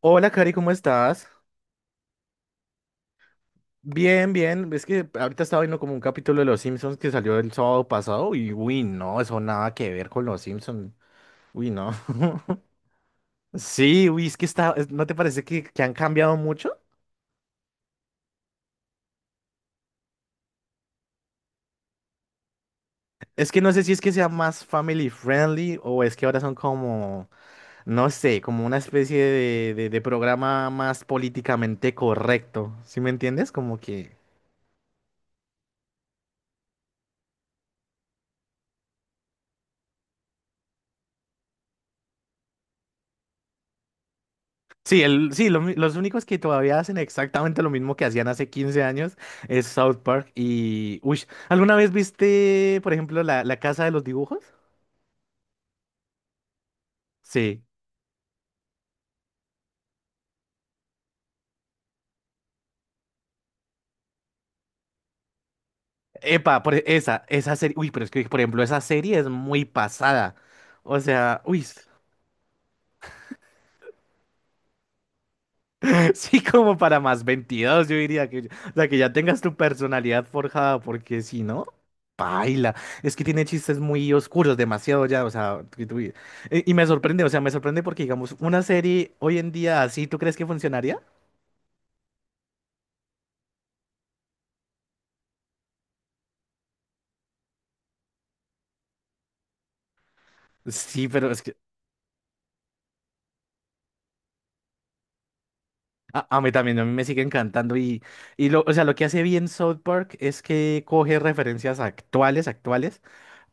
Hola, Cari, ¿cómo estás? Bien, bien. Es que ahorita estaba viendo como un capítulo de Los Simpsons que salió el sábado pasado y, uy, no, eso nada que ver con Los Simpsons. Uy, no. Sí, uy, es que está, ¿no te parece que han cambiado mucho? Es que no sé si es que sea más family friendly o es que ahora son como, no sé, como una especie de programa más políticamente correcto. ¿Sí me entiendes? Como que... Sí, sí, los únicos que todavía hacen exactamente lo mismo que hacían hace 15 años es South Park y... Uy, ¿alguna vez viste, por ejemplo, la Casa de los Dibujos? Sí. Epa, esa, esa serie... Uy, pero es que, por ejemplo, esa serie es muy pasada. O sea, uy. Sí, como para más 22, yo diría que, o sea, que ya tengas tu personalidad forjada, porque si no, paila. Es que tiene chistes muy oscuros, demasiado ya, o sea, y me sorprende, o sea, me sorprende porque, digamos, una serie hoy en día así, ¿tú crees que funcionaría? Sí, pero es que a mí también, a mí me sigue encantando y lo, o sea, lo que hace bien South Park es que coge referencias actuales, actuales,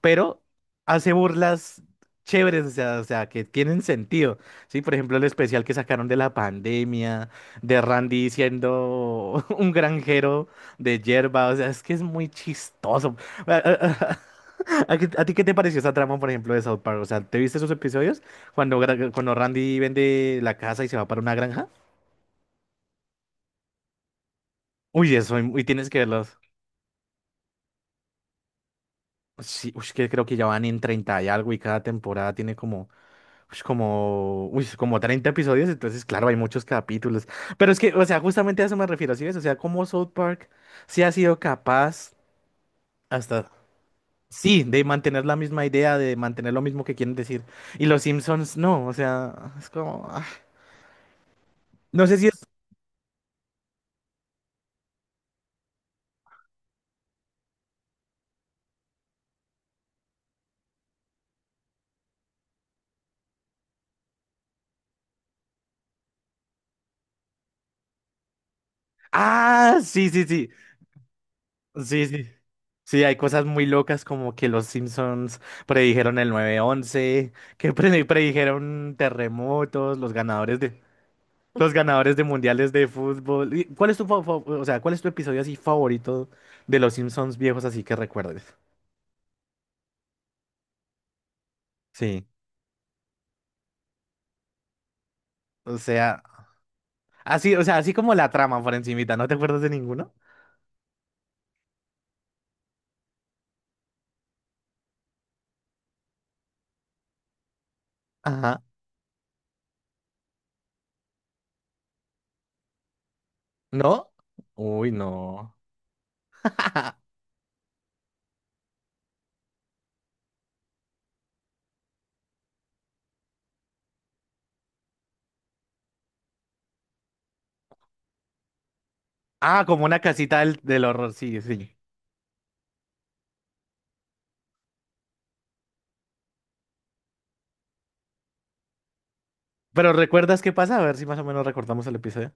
pero hace burlas chéveres, o sea, que tienen sentido, ¿sí? Por ejemplo, el especial que sacaron de la pandemia, de Randy siendo un granjero de hierba, o sea, es que es muy chistoso. ¿A, a ti qué te pareció esa trama, por ejemplo, de South Park? O sea, ¿te viste esos episodios cuando, cuando Randy vende la casa y se va para una granja? Uy, eso, y tienes que verlos. Sí, uy, que creo que ya van en 30 y algo y cada temporada tiene como ush, como, uy, es como 30 episodios, entonces, claro, hay muchos capítulos. Pero es que, o sea, justamente a eso me refiero, ¿sí ves? O sea, como South Park sí ha sido capaz hasta, sí, de mantener la misma idea, de mantener lo mismo que quieren decir. Y los Simpsons no, o sea, es como, ah, no sé si es... Ah, sí, sí, sí, sí, sí. Sí, hay cosas muy locas como que los Simpsons predijeron el 9/11 que predijeron terremotos, los ganadores de... Los ganadores de mundiales de fútbol. ¿Y ¿Cuál es tu, o sea, cuál es tu episodio así favorito de los Simpsons viejos así que recuerdes? Sí. O sea, o sea, así como la trama por encimita, ¿no te acuerdas de ninguno? Ajá. ¿No? Uy, no. Ah, como una casita del, del horror, sí, sí. Pero ¿recuerdas qué pasa? A ver si más o menos recordamos el episodio.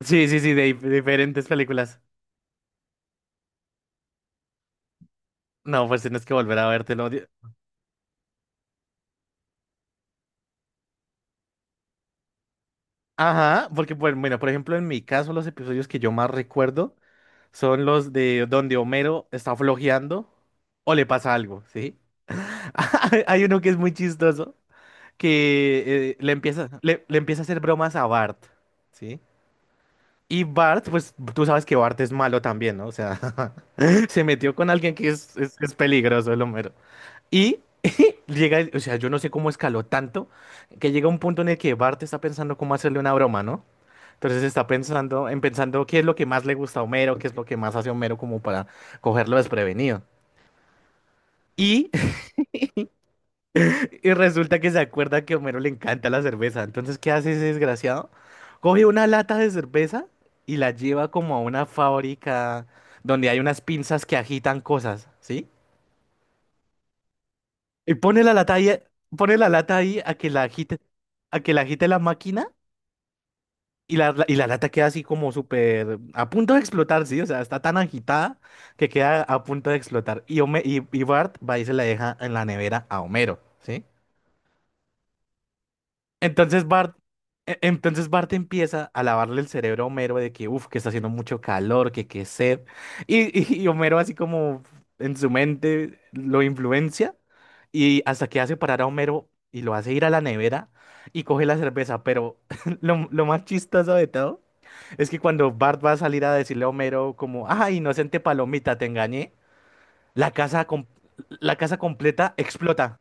Sí, sí, sí, de diferentes películas. No, pues tienes que volver a vértelo. Di- Ajá, porque, pues, bueno, por ejemplo, en mi caso, los episodios que yo más recuerdo son los de donde Homero está flojeando o le pasa algo, ¿sí? Hay uno que es muy chistoso, que le empieza, le empieza a hacer bromas a Bart, ¿sí? Y Bart, pues tú sabes que Bart es malo también, ¿no? O sea, se metió con alguien que es peligroso, el Homero. Y llega, o sea, yo no sé cómo escaló tanto, que llega un punto en el que Bart está pensando cómo hacerle una broma, ¿no? Entonces está pensando en pensando qué es lo que más le gusta a Homero, qué es lo que más hace Homero como para cogerlo desprevenido. Y, y resulta que se acuerda que a Homero le encanta la cerveza. Entonces, ¿qué hace ese desgraciado? Coge una lata de cerveza y la lleva como a una fábrica donde hay unas pinzas que agitan cosas, ¿sí? Y pone la lata ahí, pone la lata ahí a que la agite, a que la agite la máquina. Y y la lata queda así como súper a punto de explotar, sí, o sea, está tan agitada que queda a punto de explotar. Y, y Bart va y se la deja en la nevera a Homero, ¿sí? Entonces Bart, entonces Bart empieza a lavarle el cerebro a Homero de que, uff, que está haciendo mucho calor, que qué sed. Y Homero así como en su mente lo influencia y hasta que hace parar a Homero y lo hace ir a la nevera y coge la cerveza. Pero lo más chistoso de todo. Es que cuando Bart va a salir a decirle a Homero como, ah, inocente palomita, te engañé, la casa, la casa completa explota.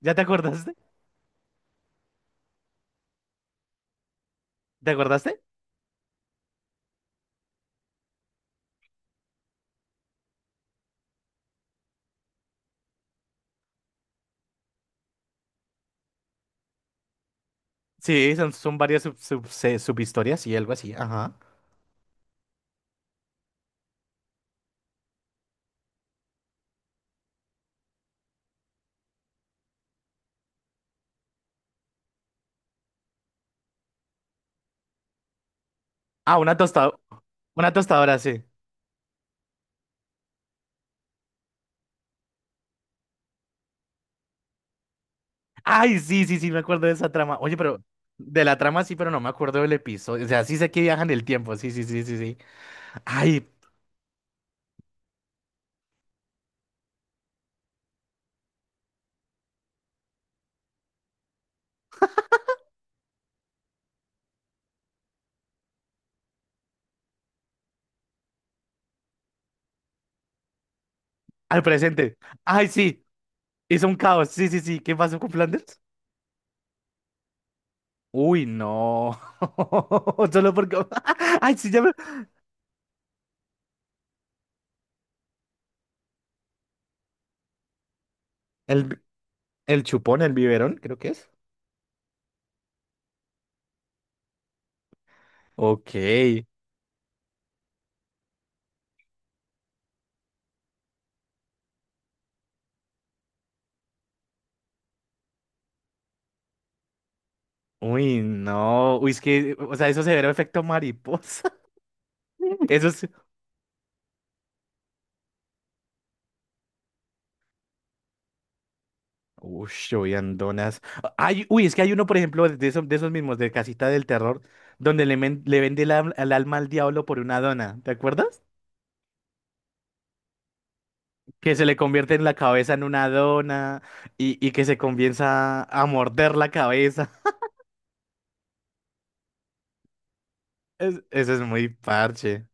¿Ya te acordaste? ¿Te acordaste? Sí, son, son varias sub, sub- se- subhistorias y algo así. Ajá. Ah, una tostadora. Una tostadora, sí. Ay, sí, sí, sí, me acuerdo de esa trama. Oye, pero de la trama sí, pero no me acuerdo del episodio. O sea, sí sé que viajan el tiempo. Sí, sí, sí, sí, sí. Ay, al presente. Ay, sí. Hizo un caos. Sí, sí, sí. ¿Qué pasó con Flanders? Uy, no. Solo porque. Ay, sí, ya me- El, el chupón, el biberón, creo que es. Ok. Uy, no. Uy, es que. O sea, eso se ve efecto mariposa. Eso es. Uy, uy, andonas. Ay, uy, es que hay uno, por ejemplo, de esos mismos, de Casita del Terror, donde le, le vende el, el alma al diablo por una dona. ¿Te acuerdas? Que se le convierte en la cabeza en una dona y que se comienza a morder la cabeza. Eso es muy parche.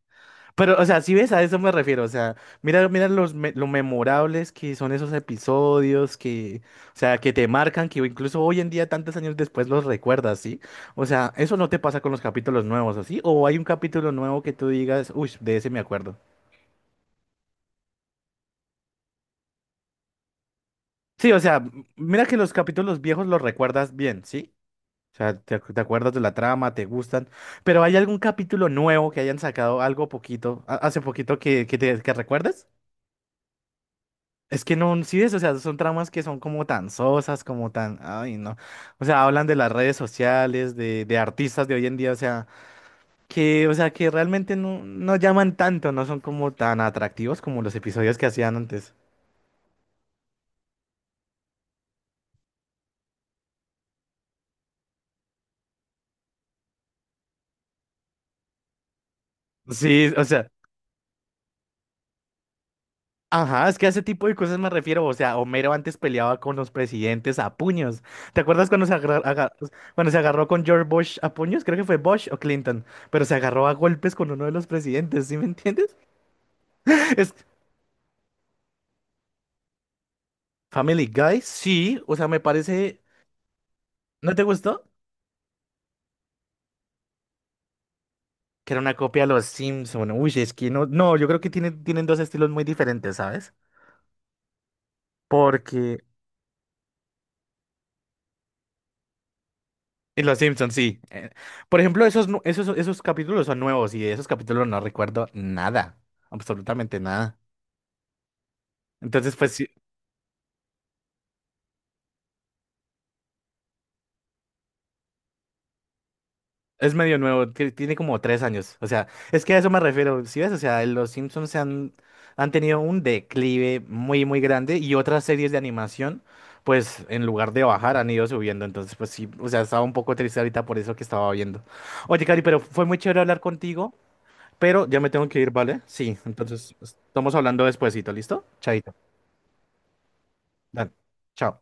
Pero, o sea, si ves, a eso me refiero. O sea, mira, mira lo memorables que son esos episodios que, o sea, que te marcan, que incluso hoy en día, tantos años después, los recuerdas, ¿sí? O sea, eso no te pasa con los capítulos nuevos, ¿así? O hay un capítulo nuevo que tú digas, uy, de ese me acuerdo. Sí, o sea, mira que los capítulos viejos los recuerdas bien, ¿sí? O sea, te acuerdas de la trama, te gustan. Pero ¿hay algún capítulo nuevo que hayan sacado algo poquito, hace poquito que te que recuerdes? Es que no, sí es, o sea, son tramas que son como tan sosas, como tan, ay, no. O sea, hablan de las redes sociales, de artistas de hoy en día, o sea, que realmente no, no llaman tanto, no son como tan atractivos como los episodios que hacían antes. Sí, o sea, ajá, es que a ese tipo de cosas me refiero, o sea, Homero antes peleaba con los presidentes a puños. ¿Te acuerdas cuando cuando se agarró con George Bush a puños? Creo que fue Bush o Clinton, pero se agarró a golpes con uno de los presidentes, ¿sí me entiendes? Family Guy, sí, o sea, me parece, ¿no te gustó? Que era una copia de los Simpson. Uy, es que no, no, yo creo que tienen, tienen dos estilos muy diferentes, ¿sabes? Porque y los Simpson, sí. Por ejemplo, esos, esos, esos capítulos son nuevos y de esos capítulos no recuerdo nada, absolutamente nada. Entonces, pues sí, es medio nuevo, que tiene como 3 años. O sea, es que a eso me refiero. ¿Si ves? O sea, los Simpsons se han, han tenido un declive muy, muy grande y otras series de animación, pues en lugar de bajar, han ido subiendo. Entonces, pues sí, o sea, estaba un poco triste ahorita por eso que estaba viendo. Oye, Cari, pero fue muy chévere hablar contigo, pero ya me tengo que ir, ¿vale? Sí, entonces estamos hablando despuesito, ¿listo? Chaito. Dale, chao.